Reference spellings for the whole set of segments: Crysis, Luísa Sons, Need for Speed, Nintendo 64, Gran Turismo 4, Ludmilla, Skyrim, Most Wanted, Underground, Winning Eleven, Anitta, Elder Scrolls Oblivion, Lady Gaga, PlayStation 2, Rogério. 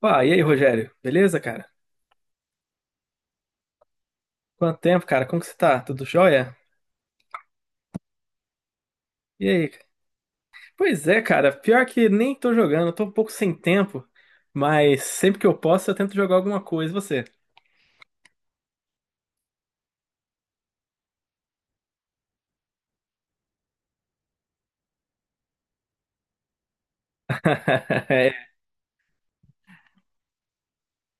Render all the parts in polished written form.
Pá, e aí, Rogério? Beleza, cara? Quanto tempo, cara? Como que você tá? Tudo jóia? E aí? Pois é, cara. Pior que nem tô jogando, tô um pouco sem tempo, mas sempre que eu posso eu tento jogar alguma coisa. E você? É,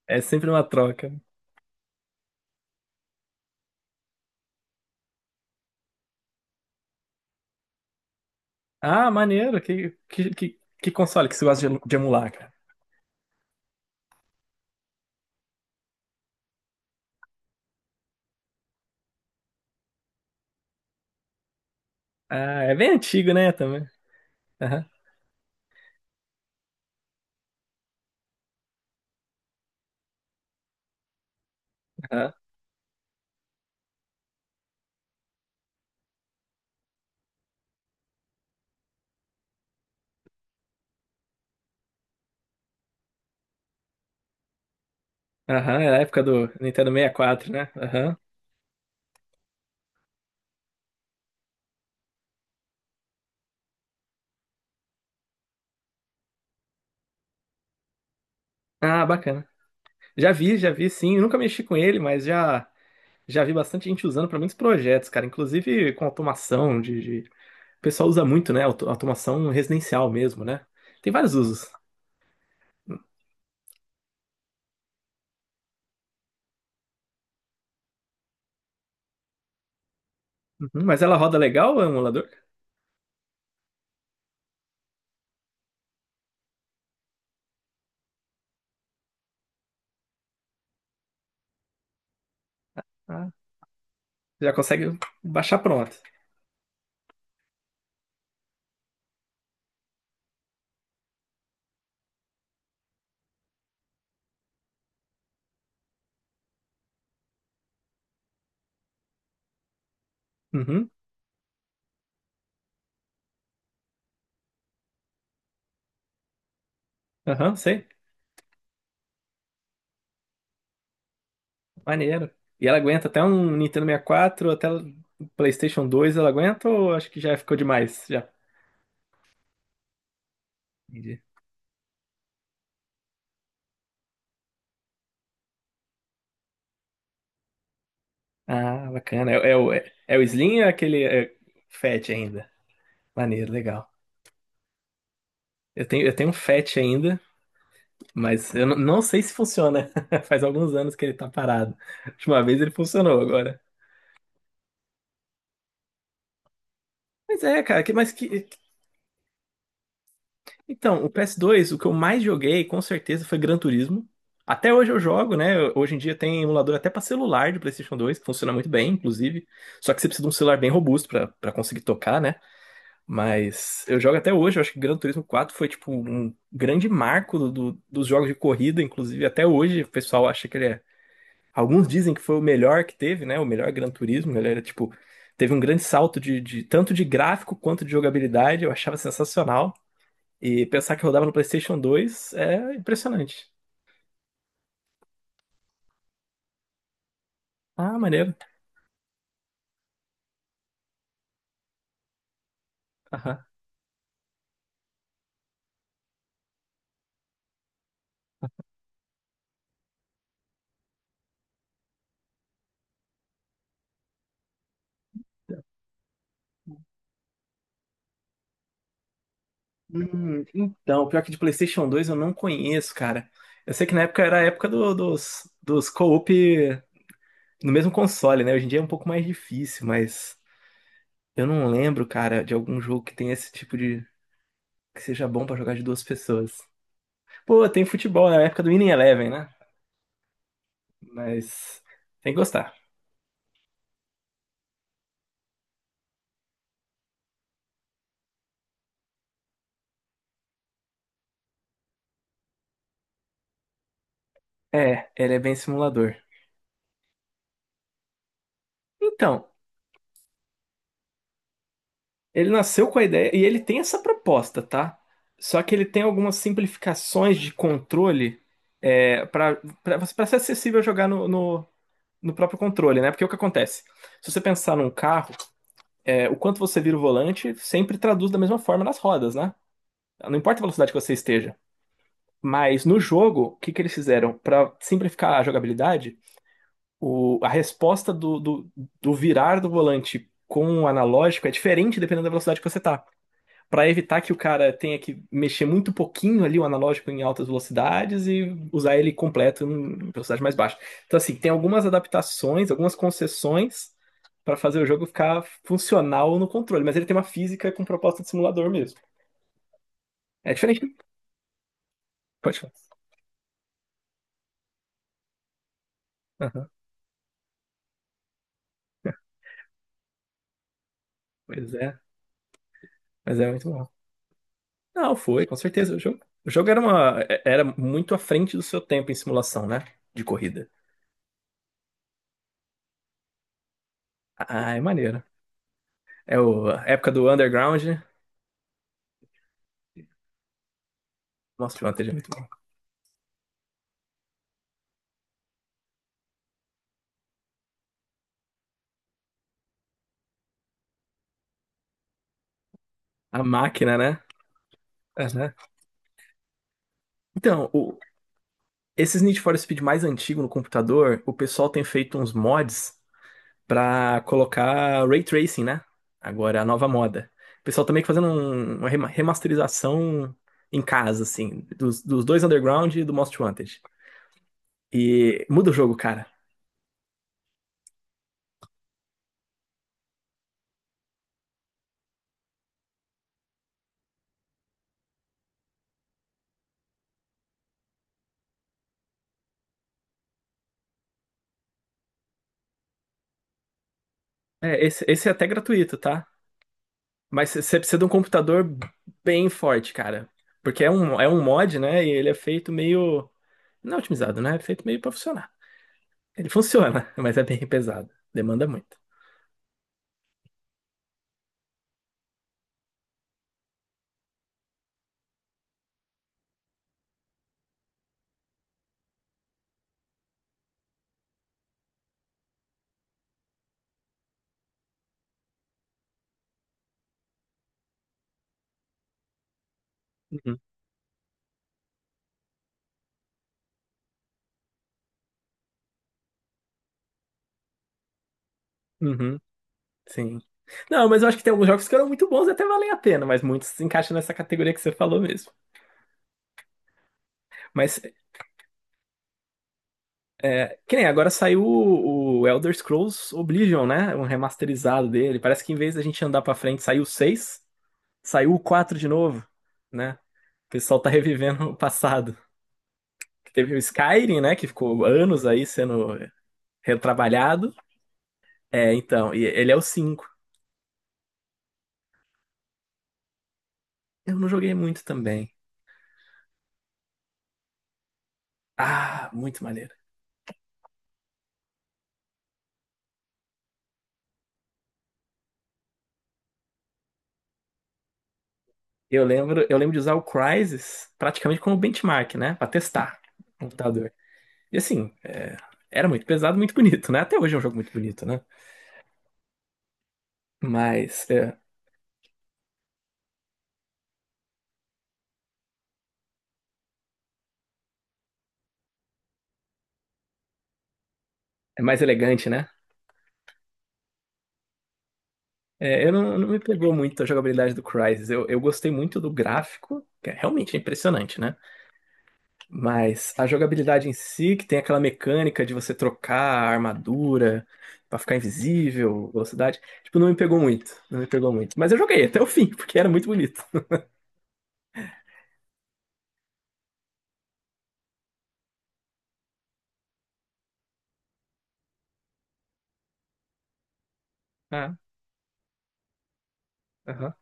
é sempre uma troca. Ah, maneiro. Que console que você gosta de emular, cara? Ah, é bem antigo, né, também. Aham, aham. Aham, é a época do Nintendo 64, né? Aham. Ah, bacana. Já vi, sim. Eu nunca mexi com ele, mas já. Já vi bastante gente usando para muitos projetos, cara, inclusive com automação de. O pessoal usa muito, né? Automação residencial mesmo, né? Tem vários usos. Uhum. Mas ela roda legal, o emulador? Ah, já consegue baixar pronto. Uhum, aham, sei. Maneiro. E ela aguenta até um Nintendo 64, até o PlayStation 2, ela aguenta ou acho que já ficou demais? Já. Entendi. Ah, bacana. É o Slim ou é aquele Fat ainda? Maneiro, legal. Eu tenho um Fat ainda. Mas eu não sei se funciona. Faz alguns anos que ele tá parado. Última vez ele funcionou agora. Mas é, cara, que, mas que. Então, o PS2, o que eu mais joguei, com certeza, foi Gran Turismo. Até hoje eu jogo, né? Hoje em dia tem emulador até pra celular de PlayStation 2, que funciona muito bem, inclusive. Só que você precisa de um celular bem robusto pra para conseguir tocar, né? Mas eu jogo até hoje. Eu acho que Gran Turismo 4 foi, tipo, um grande marco do, do- dos jogos de corrida, inclusive. Até hoje o pessoal acha que ele é. Alguns dizem que foi o melhor que teve, né? O melhor Gran Turismo. Ele era tipo, teve um grande salto de tanto de gráfico quanto de jogabilidade. Eu achava sensacional. E pensar que rodava no PlayStation 2 é impressionante. Ah, maneiro. Aham. Então, pior que de PlayStation 2 eu não conheço, cara. Eu sei que na época era a época dos, dos co-op no mesmo console, né? Hoje em dia é um pouco mais difícil, mas eu não lembro, cara, de algum jogo que tenha esse tipo de, que seja bom pra jogar de duas pessoas. Pô, tem futebol, né? Na época do Winning Eleven, né? Mas tem que gostar. É, ele é bem simulador. Então, ele nasceu com a ideia e ele tem essa proposta, tá? Só que ele tem algumas simplificações de controle para ser acessível jogar no próprio controle, né? Porque o que acontece? Se você pensar num carro, é, o quanto você vira o volante sempre traduz da mesma forma nas rodas, né? Não importa a velocidade que você esteja. Mas no jogo, o que que eles fizeram? Para simplificar a jogabilidade, o, a resposta do virar do volante com o analógico é diferente dependendo da velocidade que você tá. Pra evitar que o cara tenha que mexer muito pouquinho ali o analógico em altas velocidades e usar ele completo em velocidade mais baixa. Então, assim, tem algumas adaptações, algumas concessões pra fazer o jogo ficar funcional no controle, mas ele tem uma física com proposta de simulador mesmo. É diferente. Pode falar. Aham. Pois é, mas é muito bom. Não, foi, com certeza. O jogo era era muito à frente do seu tempo em simulação, né? De corrida. Ah, é maneiro. É o, a época do Underground, né? Nossa, o Underground é muito bom. A máquina, né? É, né? Então, esses Need for Speed mais antigos no computador, o pessoal tem feito uns mods pra colocar ray tracing, né? Agora é a nova moda. O pessoal tá meio que fazendo uma remasterização em casa, assim, dos dois Underground e do Most Wanted. E muda o jogo, cara. É, esse é até gratuito, tá? Mas você precisa de um computador bem forte, cara. Porque é um mod, né? E ele é feito meio. Não é otimizado, né? É feito meio pra funcionar. Ele funciona, mas é bem pesado. Demanda muito. Uhum, uhum, sim. Não, mas eu acho que tem alguns jogos que eram muito bons e até valem a pena, mas muitos se encaixam nessa categoria que você falou mesmo. Mas é, que nem agora saiu o Elder Scrolls Oblivion, né? Um remasterizado dele. Parece que em vez da gente andar pra frente, saiu o 6, saiu o 4 de novo, né? O pessoal tá revivendo o passado. Teve o Skyrim, né? Que ficou anos aí sendo retrabalhado. É, então, e ele é o cinco. Eu não joguei muito também. Ah, muito maneiro. Eu lembro de usar o Crysis praticamente como benchmark, né? Pra testar o computador. E assim, é, era muito pesado, muito bonito, né? Até hoje é um jogo muito bonito, né? Mas é, é mais elegante, né? É, eu não, não me pegou muito a jogabilidade do Crysis. Eu gostei muito do gráfico, que é realmente impressionante, né? Mas a jogabilidade em si, que tem aquela mecânica de você trocar a armadura pra ficar invisível, velocidade, tipo, não me pegou muito. Não me pegou muito. Mas eu joguei até o fim, porque era muito bonito. Ah, aham.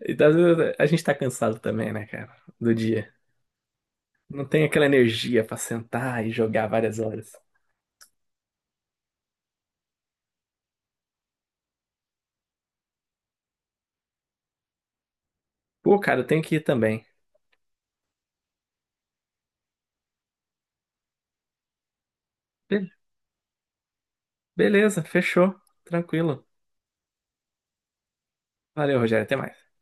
E às vezes a gente tá cansado também, né, cara? Do dia. Não tem aquela energia pra sentar e jogar várias horas. Pô, cara, eu tenho que ir também. Be- Beleza, fechou. Tranquilo. Valeu, Rogério. Até mais.